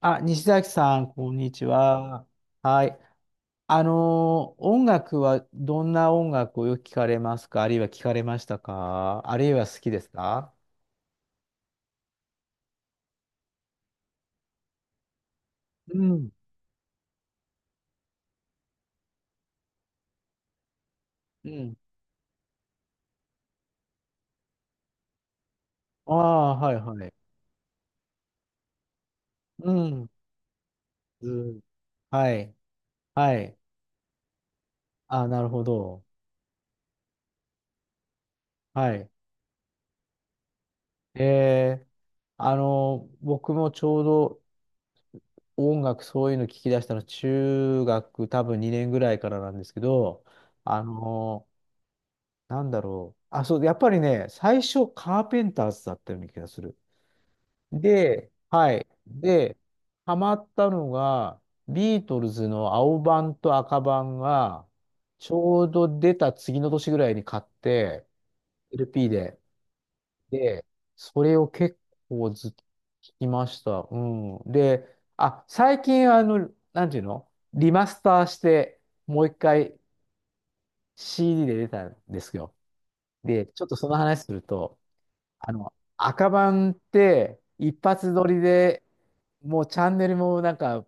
あ、西崎さん、こんにちは。はい。音楽はどんな音楽をよく聞かれますか、あるいは聞かれましたか、あるいは好きですか？うん。うん。ああ、はいはい。うん。うん。はい。はい。あ、なるほど。はい。えー、僕もちょうど音楽そういうの聞き出したの、中学多分2年ぐらいからなんですけど、あのあ、そう、やっぱりね、最初カーペンターズだったような気がする。で、はい。で、ハマったのが、ビートルズの青版と赤版が、ちょうど出た次の年ぐらいに買って、LP で。で、それを結構ずっと聞きました。うん。で、あ、最近、あの、なんていうの、リマスターして、もう一回 CD で出たんですよ。で、ちょっとその話すると、あの、赤版って一発撮りで、もうチャンネルもなんか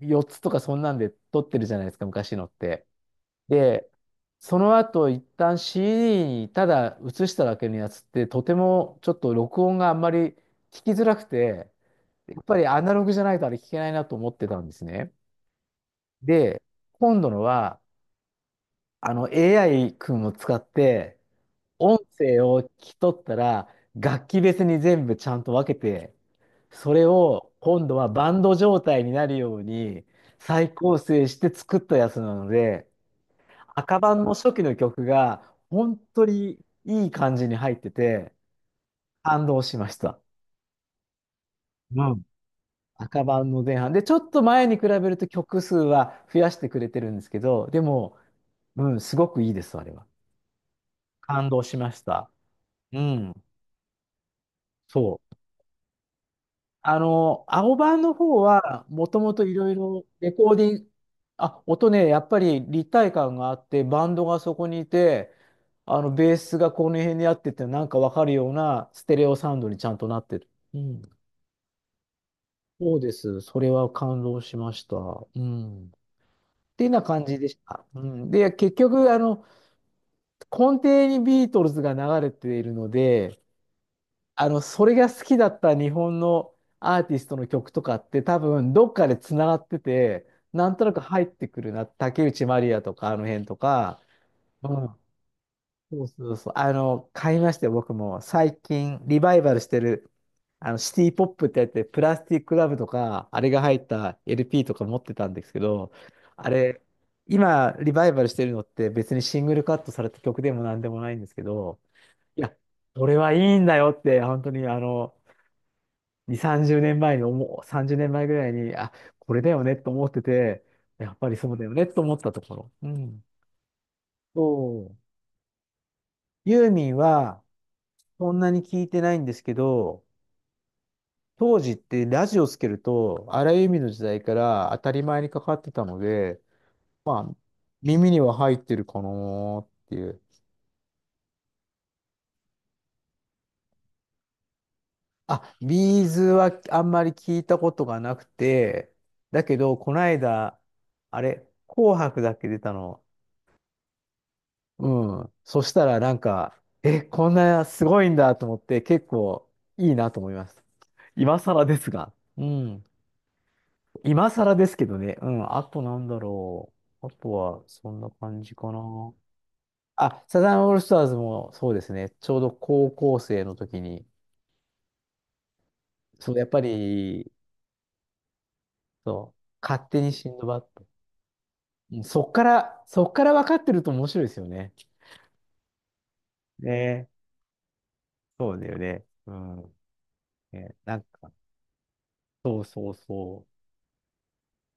4つとかそんなんで撮ってるじゃないですか、昔のって。で、その後一旦 CD にただ映しただけのやつって、とてもちょっと録音があんまり聞きづらくて、やっぱりアナログじゃないとあれ聞けないなと思ってたんですね。で、今度のはあの AI 君を使って音声を聞き取ったら、楽器別に全部ちゃんと分けて、それを今度はバンド状態になるように再構成して作ったやつなので、赤版の初期の曲が本当にいい感じに入ってて、感動しました。うん。赤版の前半。で、ちょっと前に比べると曲数は増やしてくれてるんですけど、でも、うん、すごくいいです、あれは。感動しました。うん、そう。あの、青版の方は、もともといろいろレコーディング、あ、音ね、やっぱり立体感があって、バンドがそこにいて、あの、ベースがこの辺にあってって、なんかわかるようなステレオサウンドにちゃんとなってる。うん。そうです。それは感動しました。うん。っていうような感じでした。うん。で、結局、あの、根底にビートルズが流れているので、あの、それが好きだった日本のアーティストの曲とかって多分どっかでつながってて、なんとなく入ってくるな。竹内まりやとかあの辺とか。うん。そうそうそう。あの、買いましたよ、僕も。最近リバイバルしてる、あの、シティポップってやって、プラスティックラブとか、あれが入った LP とか持ってたんですけど、あれ、今リバイバルしてるのって別にシングルカットされた曲でもなんでもないんですけど、いや、これはいいんだよって、本当にあの、2、30年前に思う、30年前ぐらいに、あ、これだよねと思ってて、やっぱりそうだよねと思ったところ。うん。そう。ユーミンは、そんなに聞いてないんですけど、当時ってラジオつけると、荒井由実の時代から当たり前にかかってたので、まあ、耳には入ってるかなーっていう。あ、ビーズはあんまり聞いたことがなくて、だけど、この間、あれ、紅白だっけ出たの、うん。そしたらなんか、え、こんなすごいんだと思って、結構いいなと思います。今更ですが。うん。今更ですけどね。うん。あとなんだろう。あとは、そんな感じかな。あ、サザンオールスターズもそうですね。ちょうど高校生の時に、そう、やっぱり、そう、勝手にシンドバッド。うん、そっから、そっから分かってると面白いですよね。ねえ。そうだよね。うん。ね、なんか、そうそうそう。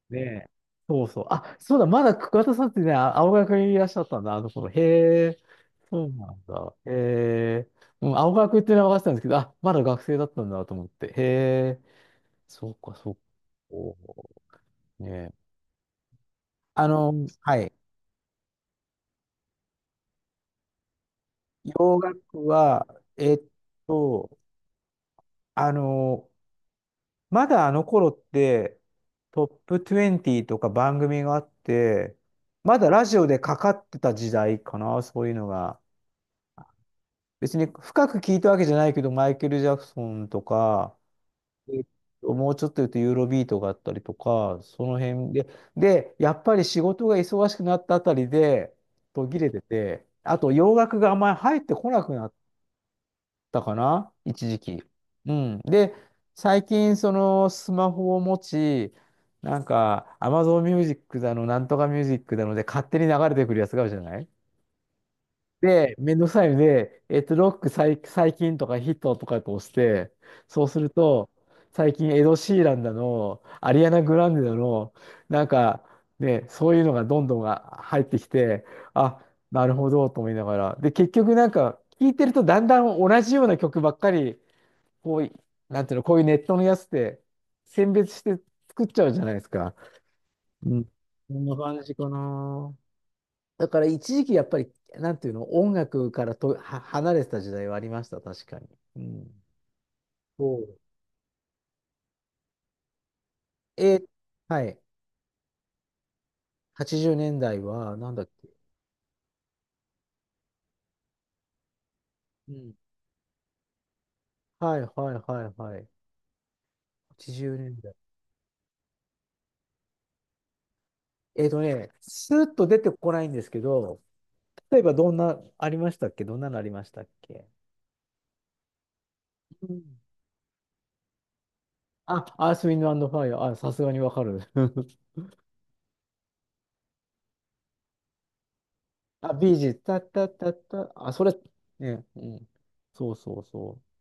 ねえ。そうそう。あ、そうだ、まだ桑田さんってね、あ、青学にいらっしゃったんだ、あの頃。へえ、そうなんだ。へえ、うん、青学っていうのは分かってたんですけど、あ、まだ学生だったんだと思って。へえ、そうか、そうか。おーねえ。あの、はい。洋楽は、えっと、あの、まだあの頃って、トップ20とか番組があって、まだラジオでかかってた時代かな、そういうのが。別に深く聞いたわけじゃないけど、マイケル・ジャクソンとか、えっもうちょっと言うとユーロビートがあったりとか、その辺で、で、やっぱり仕事が忙しくなったあたりで途切れてて、あと洋楽があんまり入ってこなくなったかな、一時期。うん。で、最近そのスマホを持ち、なんか Amazon ミュージックだの、なんとかミュージックだので勝手に流れてくるやつがあるじゃない。で、めんどくさいので、ロック最、最近とかヒットとかこ押して、そうすると、最近エド・シーランだの、アリアナ・グランデだの、なんかね、そういうのがどんどんが入ってきて、あ、なるほどと思いながら。で、結局なんか、聞いてるとだんだん同じような曲ばっかり、こうい、なんていうの、こういうネットのやつって選別して作っちゃうじゃないですか。うん。こんな感じかな。だから一時期やっぱり、なんていうの、音楽からとは離れてた時代はありました、確かに。うん。そう。えー、はい。80年代は、なんだっけ。うん。はいはいはいはい。80年代。スーッと出てこないんですけど、例えばどんな、ありましたっけ、どんなのありましたっけ？うん。あ、アース、ウィンド、アンド、ファイア。あ、さすがにわかる。あ、ビージー、タッタッタッタ。あ、それ、ね、うん。そうそうそう。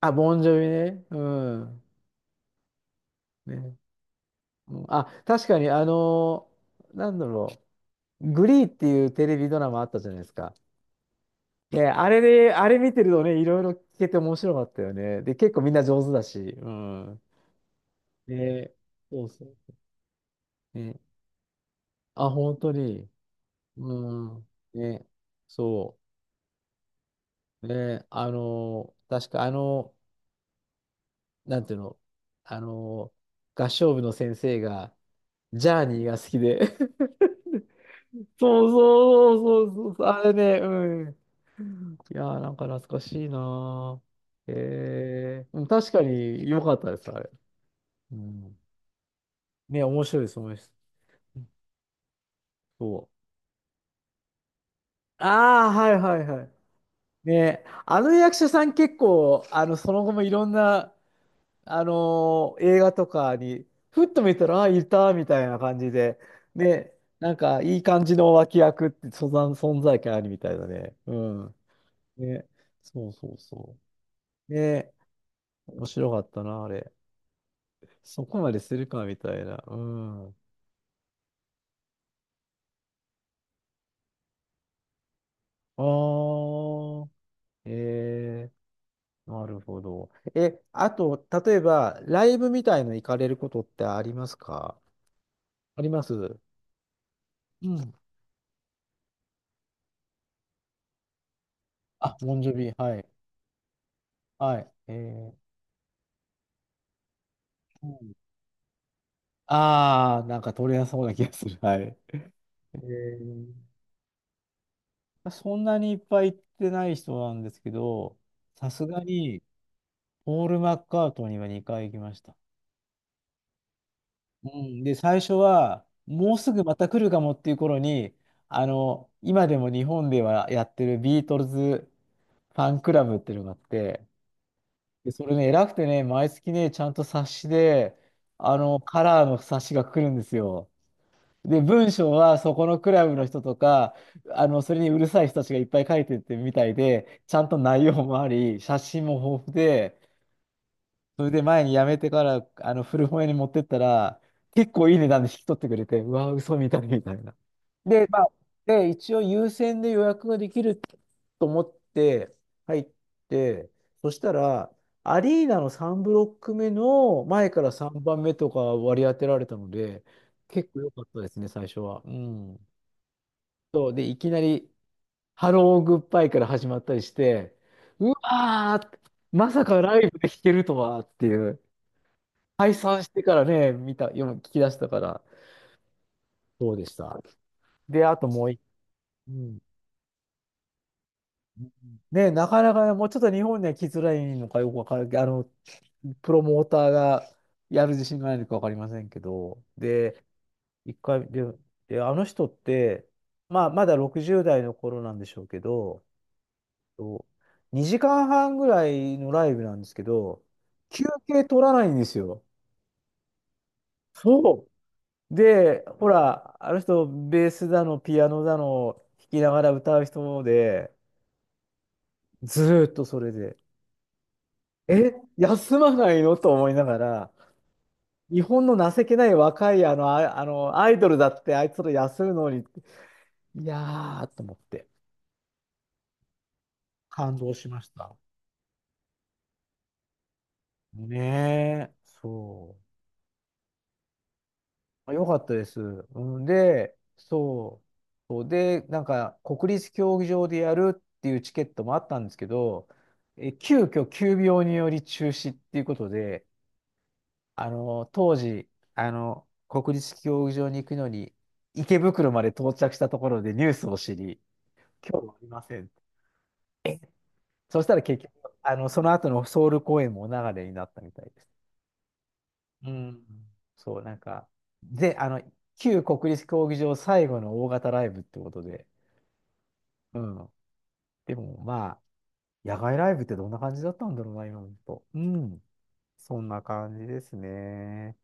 あ、ボンジョビね。うん。ね、うん、あ、確かに、なんだろグリーっていうテレビドラマあったじゃないですか。ね、あれで、あれ見てるとね、いろいろ聞けて面白かったよね。で、結構みんな上手だし、うん。ね、そうそう。ね、あ、本当に、うん。ね、そう。ね、確かあの、なんていうの、あのー合唱部の先生が、ジャーニーが好きで。そうそうそうそうそう、あれね、うん。いやー、なんか懐かしいなー。えー、うん、確かに良かったです、あれ。うん、ね、面白いです、面白いです。そう。ああ、はいはいはい。ね、あの役者さん結構、あの、その後もいろんな、映画とかに、ふっと見たら、ああ、いた、みたいな感じで、ね、なんか、いい感じの脇役って、そざん存在感あるみたいだね。うん。ね、そうそうそう。ね、面白かったな、あれ。そこまでするかみたいな。うん。ああ、ええ、なるほど。え、あと、例えば、ライブみたいの行かれることってありますか？あります。うん。あ、モンジョビ、はい。はい。ええ、ああー、なんか取れやすそうな気がする。はい。えそんなにいっぱい行ってない人なんですけど、さすがに、ポール・マッカートニーは2回行きました。うん。で、最初は、もうすぐまた来るかもっていう頃に、今でも日本ではやってるビートルズファンクラブっていうのがあって、で、それね、偉くてね、毎月ね、ちゃんと冊子で、カラーの冊子が来るんですよ。で、文章はそこのクラブの人とか、それにうるさい人たちがいっぱい書いてってみたいで、ちゃんと内容もあり、写真も豊富で、それで前に辞めてから、古本屋に持ってったら、結構いい値段で引き取ってくれて、うわ、嘘みたいみたいな。で、まあ、で、一応優先で予約ができると思って入って、そしたら、アリーナの3ブロック目の前から3番目とか割り当てられたので、結構良かったですね、最初は。うん。そう、で、いきなり、ハローグッバイから始まったりして、うわー、まさかライブで弾けるとはっていう。解散してからね、見た、読む、聞き出したから、そうでした。で、あともう一、うん。ね、なかなかね、もうちょっと日本には来づらいのかよくわからけど、プロモーターがやる自信がないのかわかりませんけど、で、一回、で、で、あの人って、まあ、まだ60代の頃なんでしょうけど、2時間半ぐらいのライブなんですけど、休憩取らないんですよ。そう。で、ほら、あの人、ベースだの、ピアノだの、弾きながら歌う人で、ずーっとそれで、休まないのと思いながら、日本の情けない若いあの、アイドルだって、あいつら休むのに、いやーと思って、感動しました。ねえ、そう。あ、よかったです。うん、で、そう。そうで、なんか、国立競技場でやるっていうチケットもあったんですけど、え、急遽急病により中止っていうことで、当時、国立競技場に行くのに、池袋まで到着したところでニュースを知り、今日はありません。えそしたら結局、その後のソウル公演もお流れになったみたいです。うん。そう、なんか、で、旧国立競技場最後の大型ライブってことで、うん。でも、まあ、野外ライブってどんな感じだったんだろうな、今思うと。うん。そんな感じですね。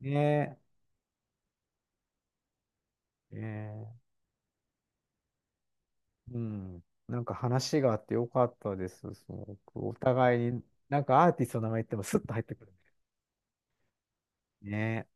ねえ。ねえ、うん。なんか話があってよかったです、すごく。お互いに、なんかアーティストの名前言ってもスッと入ってくる。ねね。